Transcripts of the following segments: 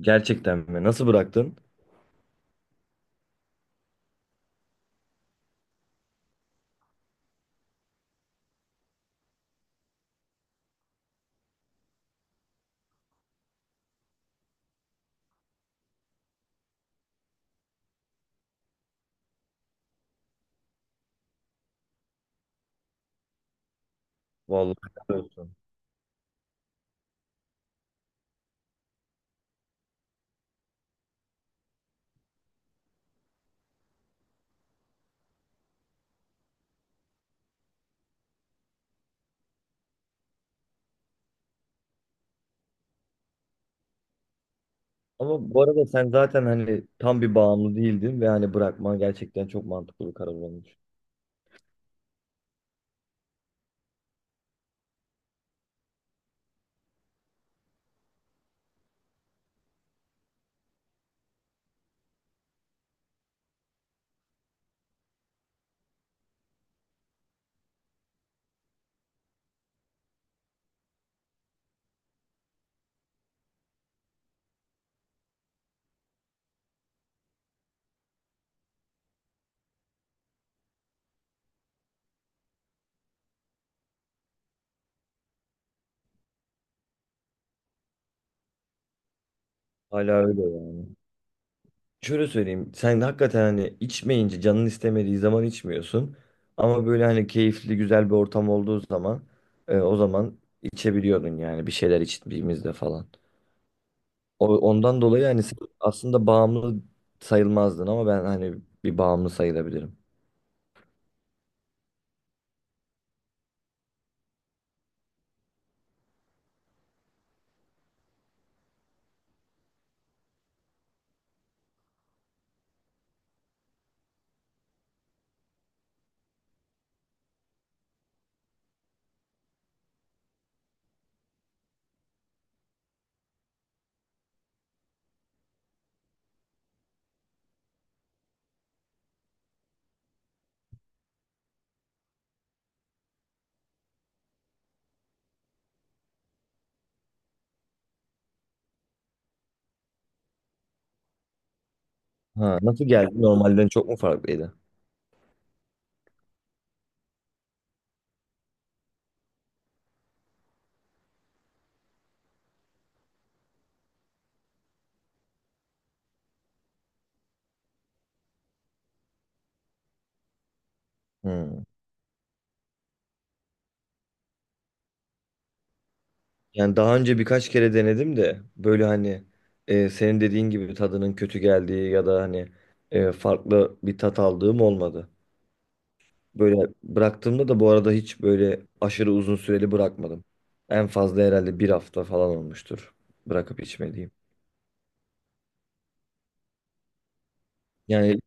Gerçekten mi? Nasıl bıraktın? Vallahi helal olsun. Ama bu arada sen zaten hani tam bir bağımlı değildin ve hani bırakman gerçekten çok mantıklı bir karar olmuş. Hala öyle yani. Şöyle söyleyeyim. Sen hakikaten hani içmeyince canın istemediği zaman içmiyorsun. Ama böyle hani keyifli güzel bir ortam olduğu zaman o zaman içebiliyordun yani bir şeyler içtiğimizde falan. Ondan dolayı hani sen aslında bağımlı sayılmazdın ama ben hani bir bağımlı sayılabilirim. Ha, nasıl geldi? Normalden çok mu farklıydı? Hmm. Yani daha önce birkaç kere denedim de böyle hani senin dediğin gibi tadının kötü geldiği ya da hani farklı bir tat aldığım olmadı. Böyle bıraktığımda da bu arada hiç böyle aşırı uzun süreli bırakmadım. En fazla herhalde bir hafta falan olmuştur bırakıp içmediğim. Yani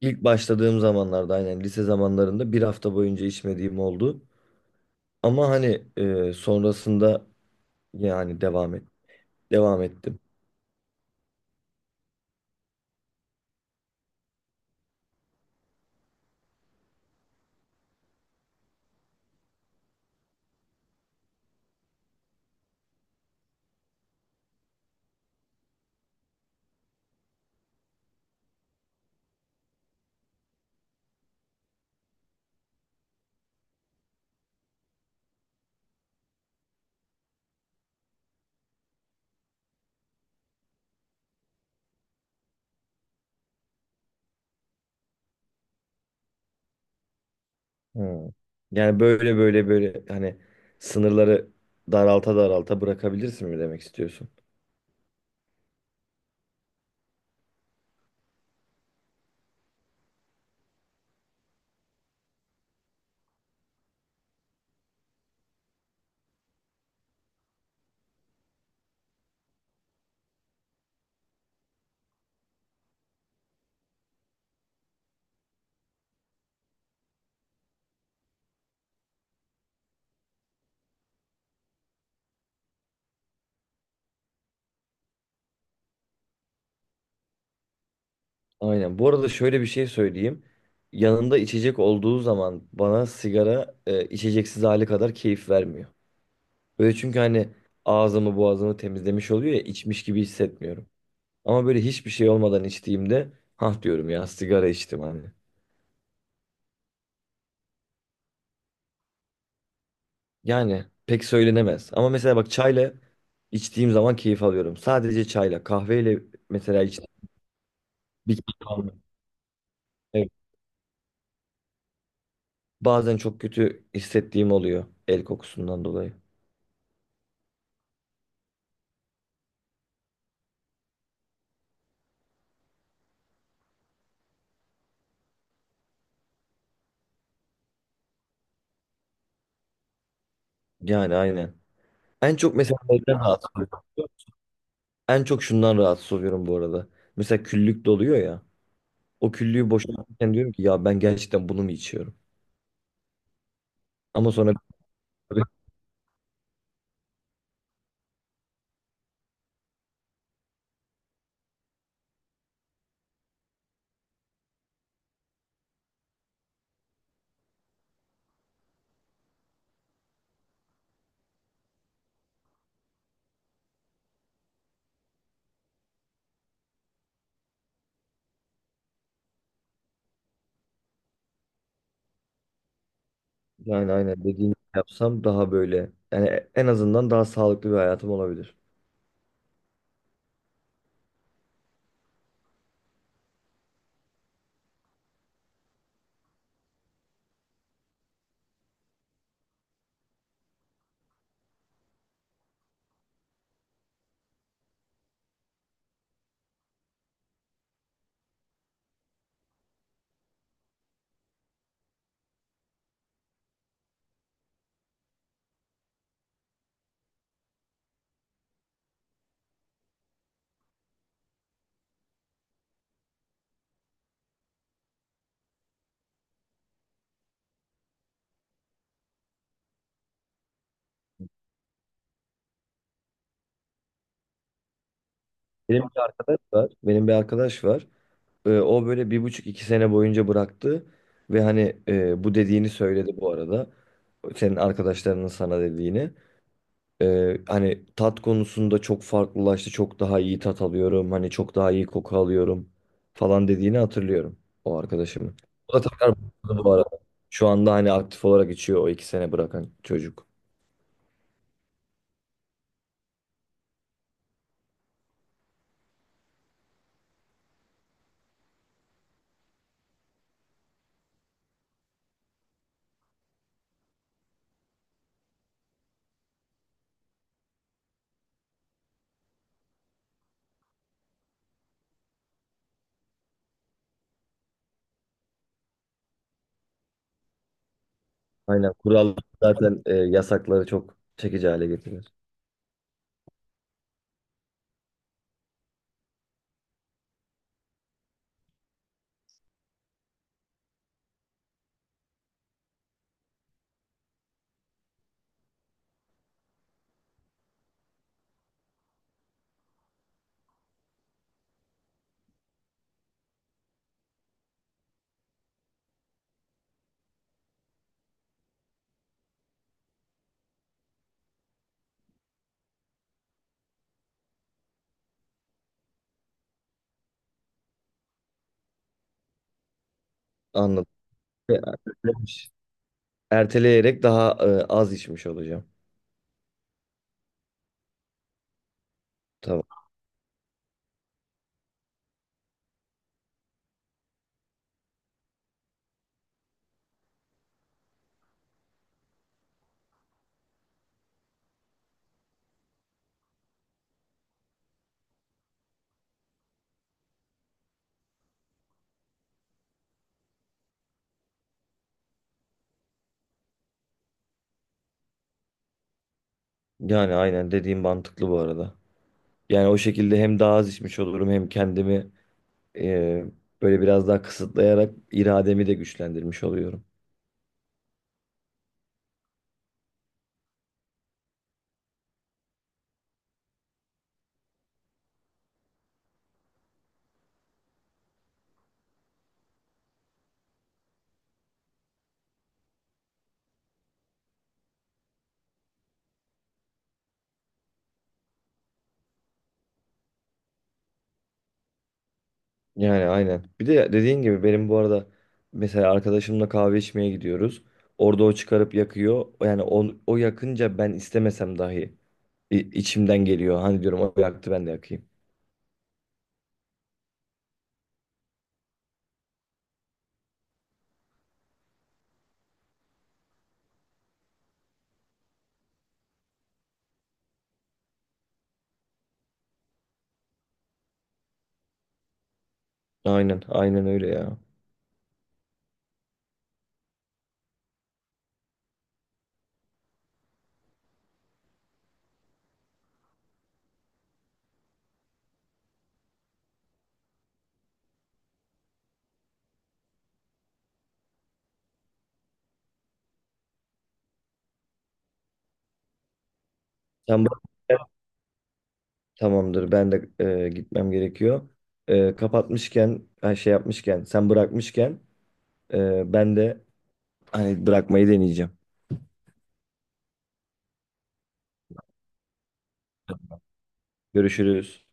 ilk başladığım zamanlarda aynen lise zamanlarında bir hafta boyunca içmediğim oldu. Ama hani sonrasında yani devam ettim. Hmm. Yani böyle hani sınırları daralta daralta bırakabilirsin mi demek istiyorsun? Aynen. Bu arada şöyle bir şey söyleyeyim. Yanında içecek olduğu zaman bana sigara içeceksiz hali kadar keyif vermiyor. Böyle çünkü hani ağzımı boğazımı temizlemiş oluyor ya içmiş gibi hissetmiyorum. Ama böyle hiçbir şey olmadan içtiğimde hah diyorum ya sigara içtim hani. Yani pek söylenemez. Ama mesela bak çayla içtiğim zaman keyif alıyorum. Sadece çayla kahveyle mesela bitki kalmıyor. Evet. Bazen çok kötü hissettiğim oluyor el kokusundan dolayı. Yani aynen. En çok mesela neyden rahatsız oluyorum? En çok şundan rahatsız oluyorum bu arada. Mesela küllük doluyor ya. O küllüğü boşaltırken diyorum ki ya ben gerçekten bunu mu içiyorum? Ama sonra yani aynen dediğini yapsam daha böyle yani en azından daha sağlıklı bir hayatım olabilir. Benim bir arkadaş var. E, o böyle bir buçuk iki sene boyunca bıraktı ve hani bu dediğini söyledi bu arada. Senin arkadaşlarının sana dediğini. E, hani tat konusunda çok farklılaştı. Çok daha iyi tat alıyorum. Hani çok daha iyi koku alıyorum falan dediğini hatırlıyorum o arkadaşımın. O da tekrar başladı bu arada. Şu anda hani aktif olarak içiyor o iki sene bırakan çocuk. Aynen kural zaten yasakları çok çekici hale getirir. Anladım. E, ertelemiş. Erteleyerek daha az içmiş olacağım. Tamam. Yani aynen dediğim mantıklı bu arada. Yani o şekilde hem daha az içmiş olurum hem kendimi e, böyle biraz daha kısıtlayarak irademi de güçlendirmiş oluyorum. Yani aynen. Bir de dediğin gibi benim bu arada mesela arkadaşımla kahve içmeye gidiyoruz. Orada o çıkarıp yakıyor. Yani o yakınca ben istemesem dahi içimden geliyor. Hani diyorum o yaktı ben de yakayım. Aynen öyle ya. Sen tamamdır. Ben de gitmem gerekiyor. E, kapatmışken, her şey yapmışken, sen bırakmışken ben de hani bırakmayı deneyeceğim. Görüşürüz.